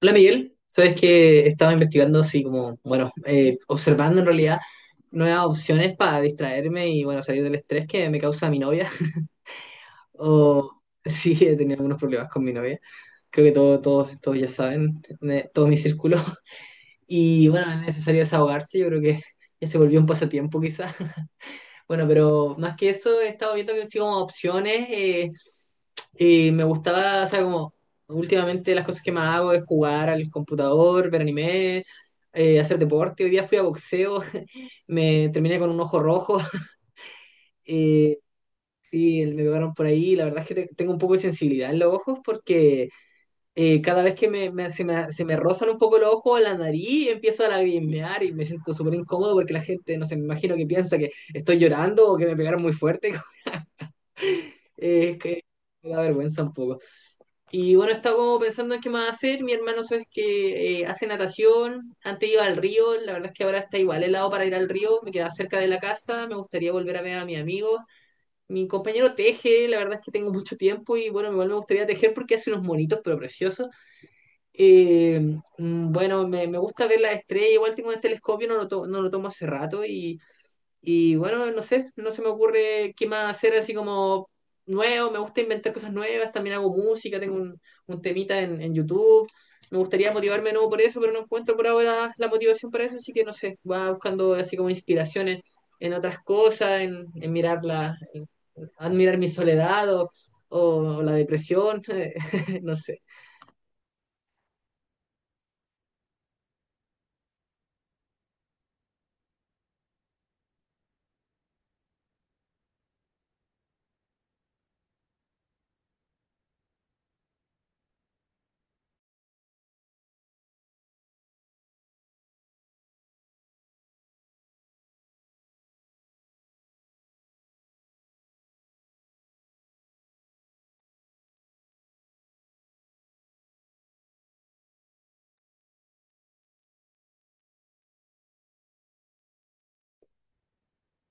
Hola Miguel, sabes que estaba investigando, así como, bueno, observando en realidad nuevas opciones para distraerme y bueno, salir del estrés que me causa mi novia. O sí, he tenido algunos problemas con mi novia. Creo que todos, todos, todos ya saben, todo mi círculo. Y bueno, es necesario desahogarse, yo creo que ya se volvió un pasatiempo quizás. Bueno, pero más que eso, he estado viendo que sigo como opciones. Y me gustaba, o sea, como últimamente las cosas que más hago es jugar al computador, ver anime, hacer deporte. Hoy día fui a boxeo, me terminé con un ojo rojo. eh, sí, me pegaron por ahí. La verdad es que tengo un poco de sensibilidad en los ojos porque cada vez que se me rozan un poco los ojos, la nariz, empiezo a lagrimear y me siento súper incómodo porque la gente, no sé, me imagino que piensa que estoy llorando o que me pegaron muy fuerte. Es que me da vergüenza un poco. Y bueno, estaba como pensando en qué más hacer. Mi hermano sabes que hace natación, antes iba al río, la verdad es que ahora está igual helado para ir al río, me queda cerca de la casa, me gustaría volver a ver a mis amigos. Mi compañero teje, la verdad es que tengo mucho tiempo y bueno, igual me gustaría tejer porque hace unos monitos pero preciosos. Eh, bueno, me gusta ver las estrellas, igual tengo un telescopio, no lo tomo hace rato y bueno, no sé, no se me ocurre qué más hacer así como nuevo. Me gusta inventar cosas nuevas, también hago música, un temita en YouTube. Me gustaría motivarme de nuevo por eso, pero no encuentro por ahora la motivación para eso, así que no sé, va buscando así como inspiraciones en otras cosas, en mirar en admirar mi soledad o la depresión, no sé.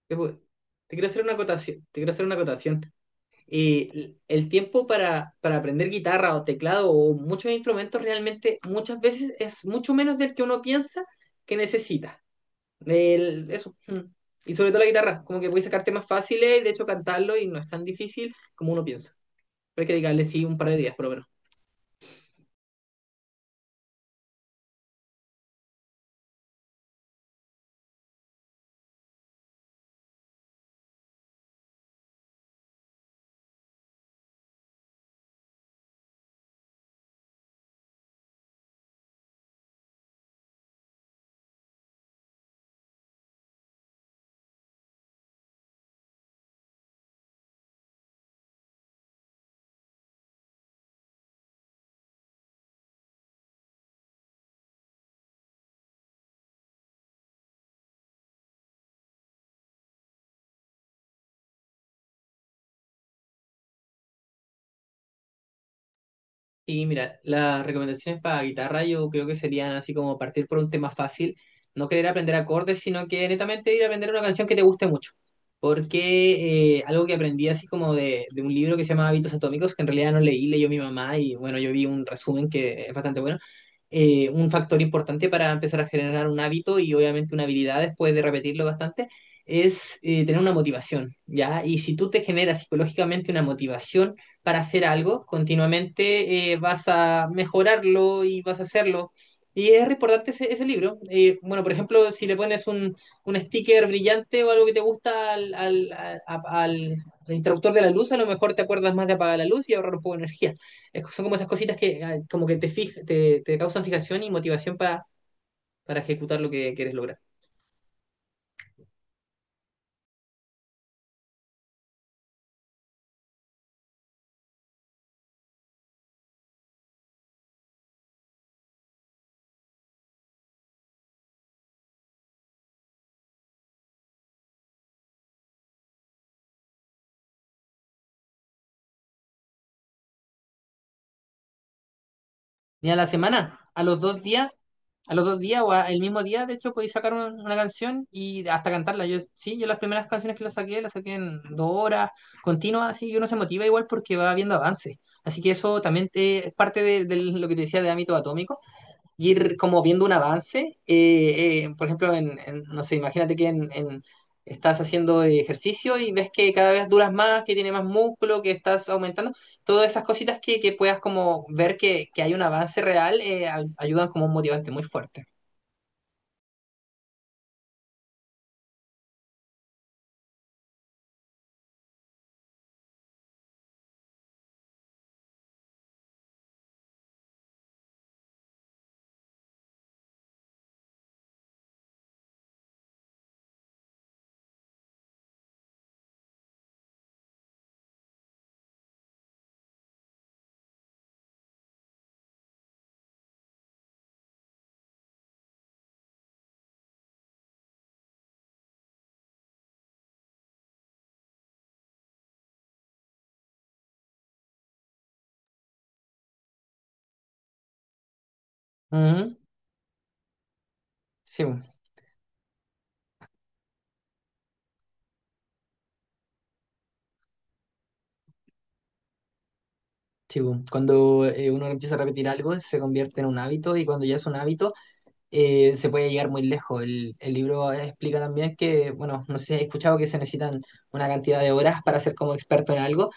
Te quiero hacer una acotación, te quiero hacer una acotación. Y el tiempo para aprender guitarra o teclado o muchos instrumentos realmente muchas veces es mucho menos del que uno piensa que necesita. Eso. Mm. Y sobre todo la guitarra, como que puedes sacar temas fáciles, de hecho cantarlo y no es tan difícil como uno piensa. Pero hay que dedicarle, sí, un par de días por lo menos. Y mira, las recomendaciones para guitarra yo creo que serían así como partir por un tema fácil, no querer aprender acordes, sino que netamente ir a aprender una canción que te guste mucho. Porque algo que aprendí así como de un libro que se llama Hábitos Atómicos, que en realidad no leí, leyó mi mamá y bueno, yo vi un resumen que es bastante bueno. Un factor importante para empezar a generar un hábito y obviamente una habilidad después de repetirlo bastante es tener una motivación, ¿ya? Y si tú te generas psicológicamente una motivación, para hacer algo, continuamente vas a mejorarlo y vas a hacerlo. Y es re importante ese, ese libro. Bueno, por ejemplo, si le pones un sticker brillante o algo que te gusta al interruptor de la luz, a lo mejor te acuerdas más de apagar la luz y ahorrar un poco de energía. Son como esas cositas que ah, como que te causan fijación y motivación para ejecutar lo que quieres lograr. Ni a la semana, a los dos días, a los dos días o el mismo día, de hecho, podéis sacar una canción y hasta cantarla. Yo, sí, yo las primeras canciones que las saqué en dos horas continuas, así, y uno se motiva igual porque va viendo avance. Así que eso también es parte de lo que te decía de ámbito atómico ir como viendo un avance. Por ejemplo, no sé, imagínate que estás haciendo ejercicio y ves que cada vez duras más, que tiene más músculo, que estás aumentando. Todas esas cositas que puedas como ver que hay un avance real ayudan como un motivante muy fuerte. Ujú. Sí, bu, sí, bu. Cuando uno empieza a repetir algo, se convierte en un hábito y cuando ya es un hábito... Se puede llegar muy lejos. El libro explica también que, bueno, no sé si has escuchado que se necesitan una cantidad de horas para ser como experto en algo.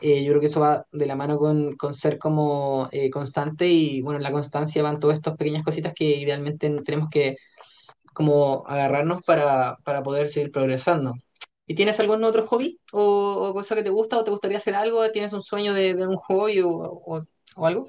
Yo creo que eso va de la mano con ser como constante y, bueno, en la constancia van todas estas pequeñas cositas que idealmente tenemos que como agarrarnos para poder seguir progresando. ¿Y tienes algún otro hobby o cosa que te gusta o te gustaría hacer algo? ¿Tienes un sueño de un hobby o algo?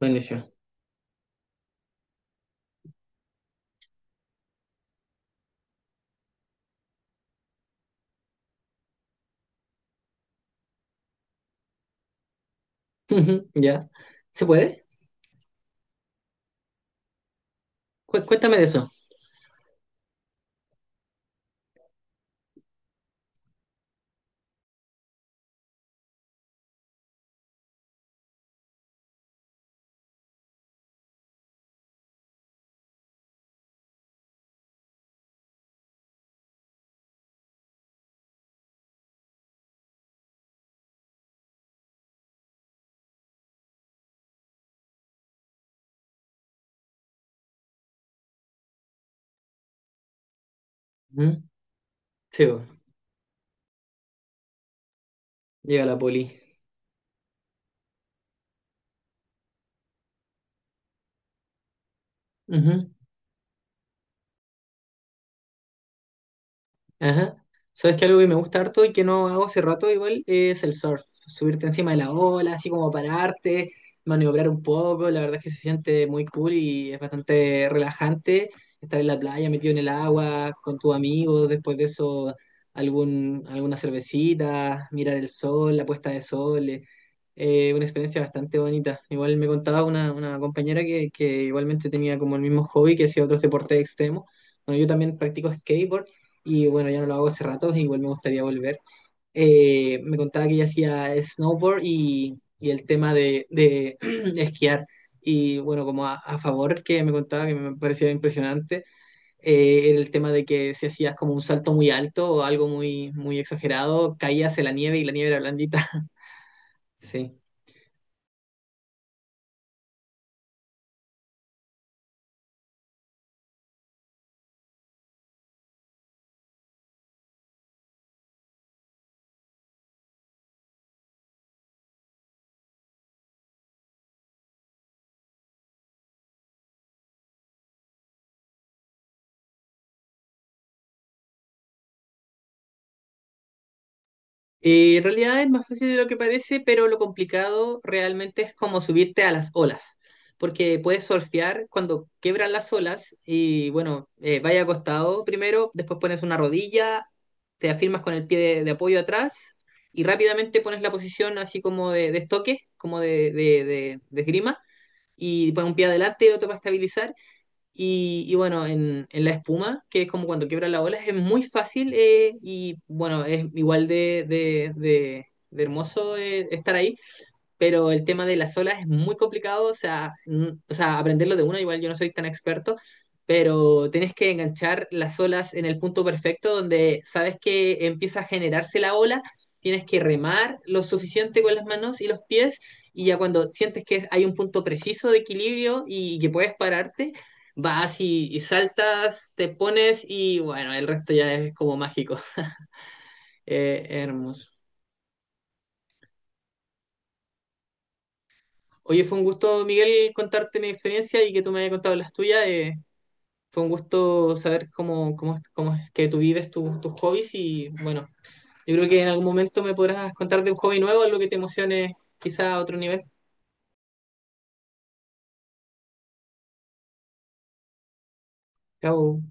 Buenísimo. Ya. ¿Se puede? Cuéntame de eso. Ujú. Sí, po. Llega la poli. Ujú. Ajá. ¿Sabes que algo que me gusta harto y que no hago hace rato igual es el surf? Subirte encima de la ola, así como pararte, maniobrar un poco. La verdad es que se siente muy cool y es bastante relajante estar en la playa metido en el agua con tus amigos. Después de eso, algún, alguna cervecita, mirar el sol, la puesta de sol. Una experiencia bastante bonita. Igual me contaba una compañera que igualmente tenía como el mismo hobby que hacía otros deportes extremos. Bueno, yo también practico skateboard y bueno, ya no lo hago hace rato, igual me gustaría volver. Me contaba que ella hacía snowboard y el tema de esquiar. Y bueno, como a, favor que me contaba que me parecía impresionante, era el tema de que si hacías como un salto muy alto o algo muy, muy exagerado, caías en la nieve y la nieve era blandita. Sí. En realidad es más fácil de lo que parece, pero lo complicado realmente es como subirte a las olas, porque puedes surfear cuando quebran las olas y bueno, vaya acostado primero, después pones una rodilla, te afirmas con el pie de apoyo atrás y rápidamente pones la posición así como de estoque, como de esgrima, y pones un pie adelante y el otro para estabilizar y bueno, en la espuma, que es como cuando quiebra la ola, es muy fácil y bueno, es igual de hermoso estar ahí, pero el tema de las olas es muy complicado, o sea, o sea, aprenderlo de uno, igual yo no soy tan experto, pero tienes que enganchar las olas en el punto perfecto donde sabes que empieza a generarse la ola, tienes que remar lo suficiente con las manos y los pies, y ya cuando sientes que hay un punto preciso de equilibrio y, que puedes pararte, vas y saltas, te pones y bueno, el resto ya es como mágico. Hermoso. Oye, fue un gusto, Miguel, contarte mi experiencia y que tú me hayas contado las tuyas. Fue un gusto saber cómo, cómo, cómo es que tú vives tus tus hobbies y bueno, yo creo que en algún momento me podrás contar de un hobby nuevo, algo que te emocione quizá a otro nivel. Chao.